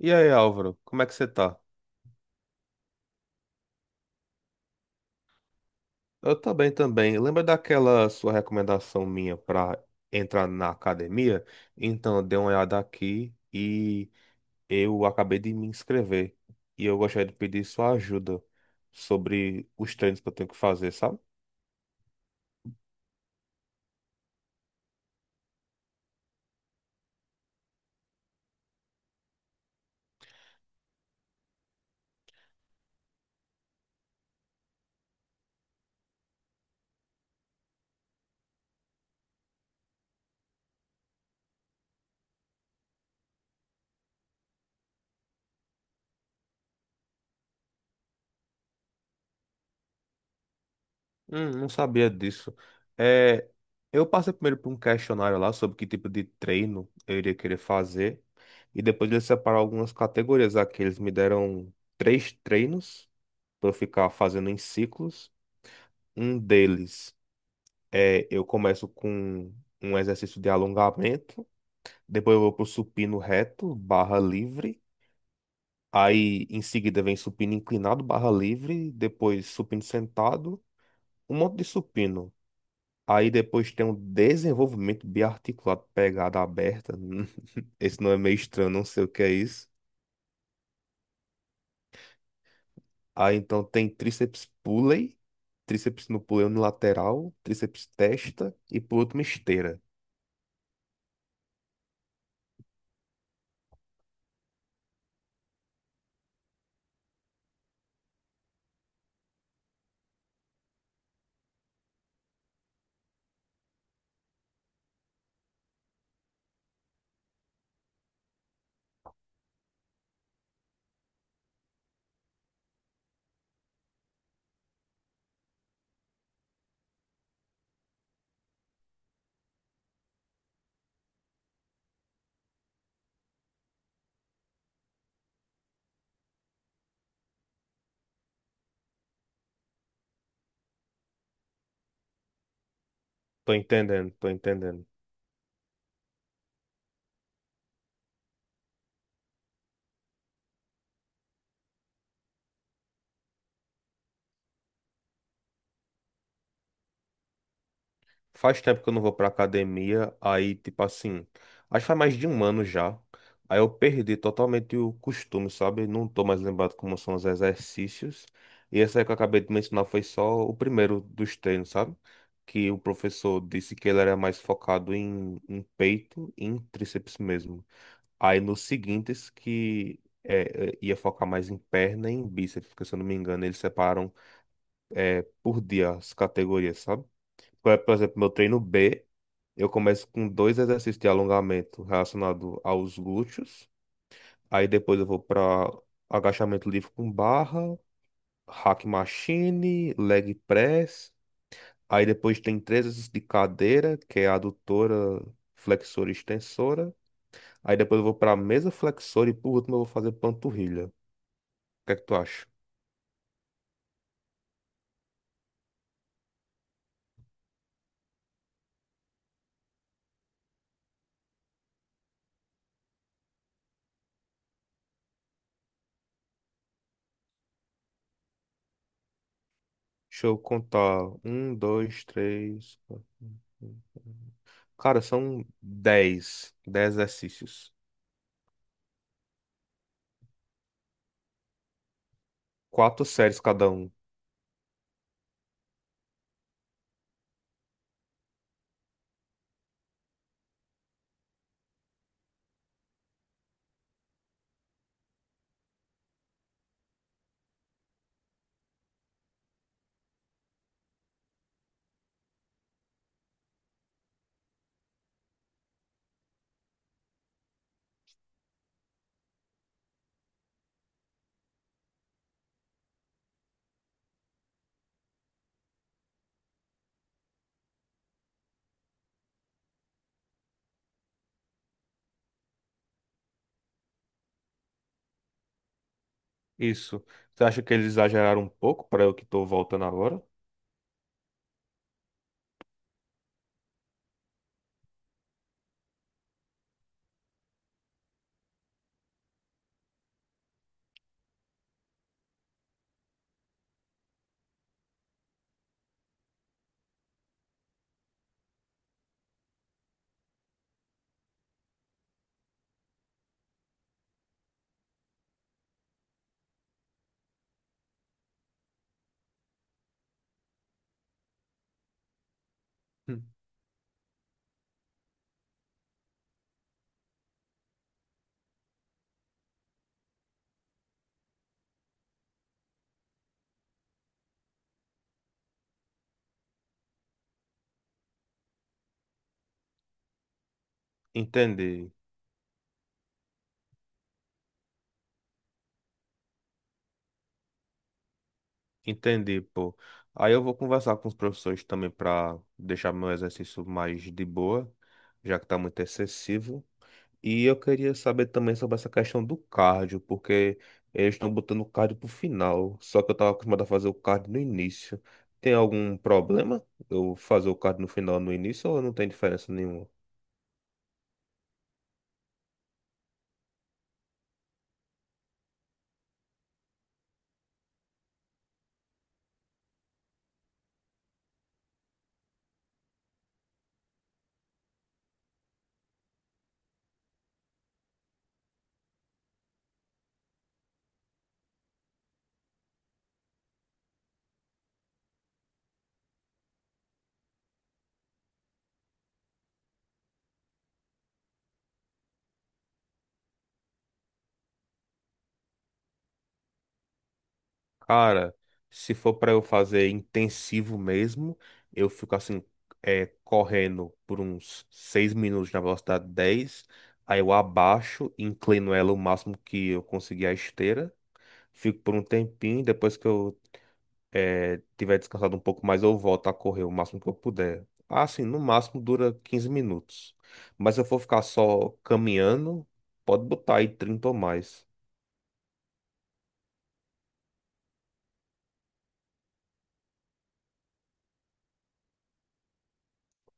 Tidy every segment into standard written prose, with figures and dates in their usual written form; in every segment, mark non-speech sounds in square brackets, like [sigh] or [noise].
E aí, Álvaro, como é que você tá? Eu tô bem também. Lembra daquela sua recomendação minha pra entrar na academia? Então, eu dei uma olhada aqui e eu acabei de me inscrever. E eu gostaria de pedir sua ajuda sobre os treinos que eu tenho que fazer, sabe? Não sabia disso. É, eu passei primeiro por um questionário lá sobre que tipo de treino eu iria querer fazer. E depois eles separaram algumas categorias aqui. Eles me deram três treinos para eu ficar fazendo em ciclos. Um deles é eu começo com um exercício de alongamento. Depois eu vou pro supino reto, barra livre. Aí em seguida vem supino inclinado, barra livre. Depois supino sentado. Um monte de supino. Aí depois tem um desenvolvimento biarticulado, pegada aberta. [laughs] Esse nome é meio estranho, não sei o que é isso. Aí então tem tríceps pulley, tríceps no pulley unilateral, tríceps testa e por último esteira. Tô entendendo, tô entendendo. Faz tempo que eu não vou pra academia, aí, tipo assim, acho que faz mais de um ano já. Aí eu perdi totalmente o costume, sabe? Não tô mais lembrado como são os exercícios. E essa aí que eu acabei de mencionar foi só o primeiro dos treinos, sabe? Que o professor disse que ele era mais focado em peito e em tríceps mesmo. Aí nos seguintes que ia focar mais em perna e em bíceps, porque se eu não me engano, eles separam por dia as categorias, sabe? Por exemplo, meu treino B. Eu começo com dois exercícios de alongamento relacionado aos glúteos. Aí depois eu vou para agachamento livre com barra, hack machine, leg press. Aí depois tem três exercícios de cadeira, que é adutora, flexora e extensora. Aí depois eu vou para mesa flexora e por último eu vou fazer panturrilha. O que é que tu acha? Deixa eu contar. Um, dois, três, quatro, cinco. Cara, são 10. 10 exercícios. Quatro séries cada um. Isso. Você acha que eles exageraram um pouco para eu que tô voltando agora? Hum. Entendi. Entendi, pô. Aí eu vou conversar com os professores também para deixar meu exercício mais de boa, já que tá muito excessivo. E eu queria saber também sobre essa questão do cardio, porque eles estão botando o cardio pro final, só que eu tava acostumado a fazer o cardio no início. Tem algum problema eu fazer o cardio no final no início ou não tem diferença nenhuma? Cara, se for pra eu fazer intensivo mesmo, eu fico assim, é, correndo por uns 6 minutos na velocidade 10, aí eu abaixo, inclino ela o máximo que eu conseguir a esteira, fico por um tempinho, depois que eu tiver descansado um pouco mais, eu volto a correr o máximo que eu puder. Assim, no máximo dura 15 minutos. Mas se eu for ficar só caminhando, pode botar aí 30 ou mais.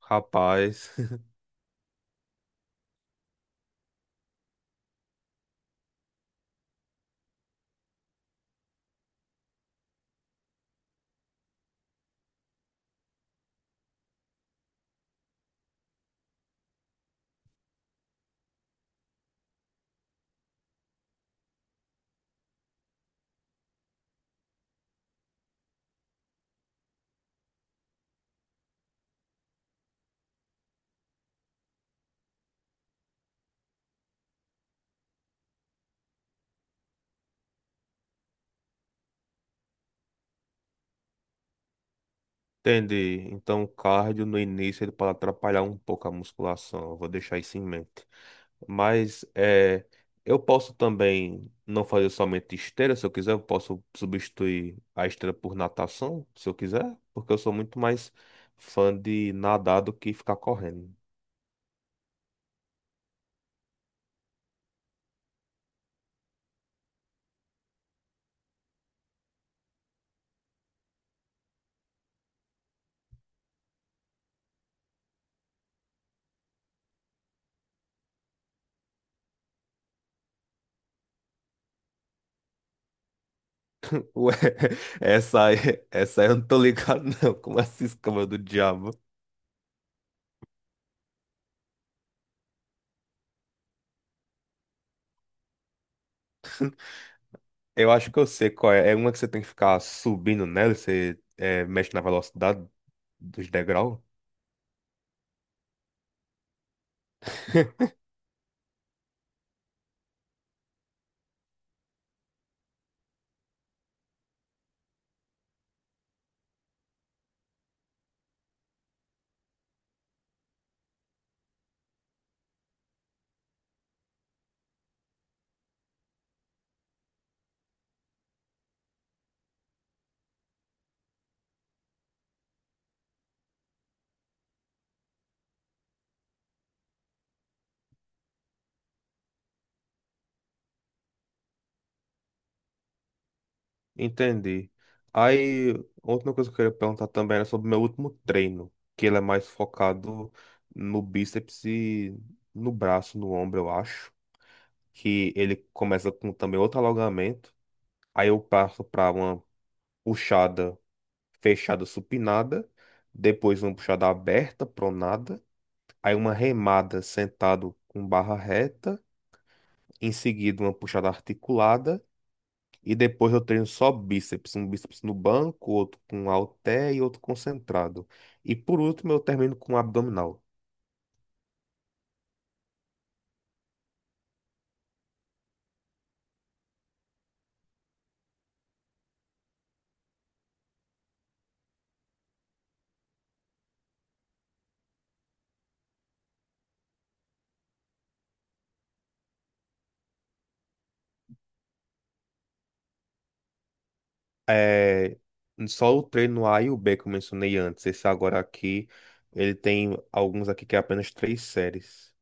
Rapaz. [laughs] Entendi. Então, o cardio no início ele pode atrapalhar um pouco a musculação. Eu vou deixar isso em mente. Mas é, eu posso também não fazer somente esteira, se eu quiser, eu posso substituir a esteira por natação, se eu quiser, porque eu sou muito mais fã de nadar do que ficar correndo. Ué, [laughs] essa aí, essa aí eu não tô ligado, não. Como essa escama do diabo? Eu acho que eu sei qual é. É uma que você tem que ficar subindo nela, e você mexe na velocidade dos degraus. [laughs] Entendi. Aí, outra coisa que eu queria perguntar também era sobre o meu último treino, que ele é mais focado no bíceps e no braço, no ombro, eu acho. Que ele começa com também outro alongamento. Aí eu passo para uma puxada fechada supinada, depois uma puxada aberta, pronada, aí uma remada sentado com barra reta, em seguida uma puxada articulada. E depois eu treino só bíceps, um bíceps no banco, outro com halter e outro concentrado. E por último eu termino com abdominal. É, só o treino A e o B que eu mencionei antes. Esse agora aqui, ele tem alguns aqui que é apenas três séries.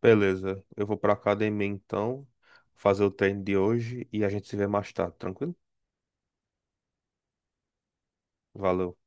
Beleza, eu vou pra academia então, fazer o treino de hoje e a gente se vê mais tarde, tranquilo? Valeu.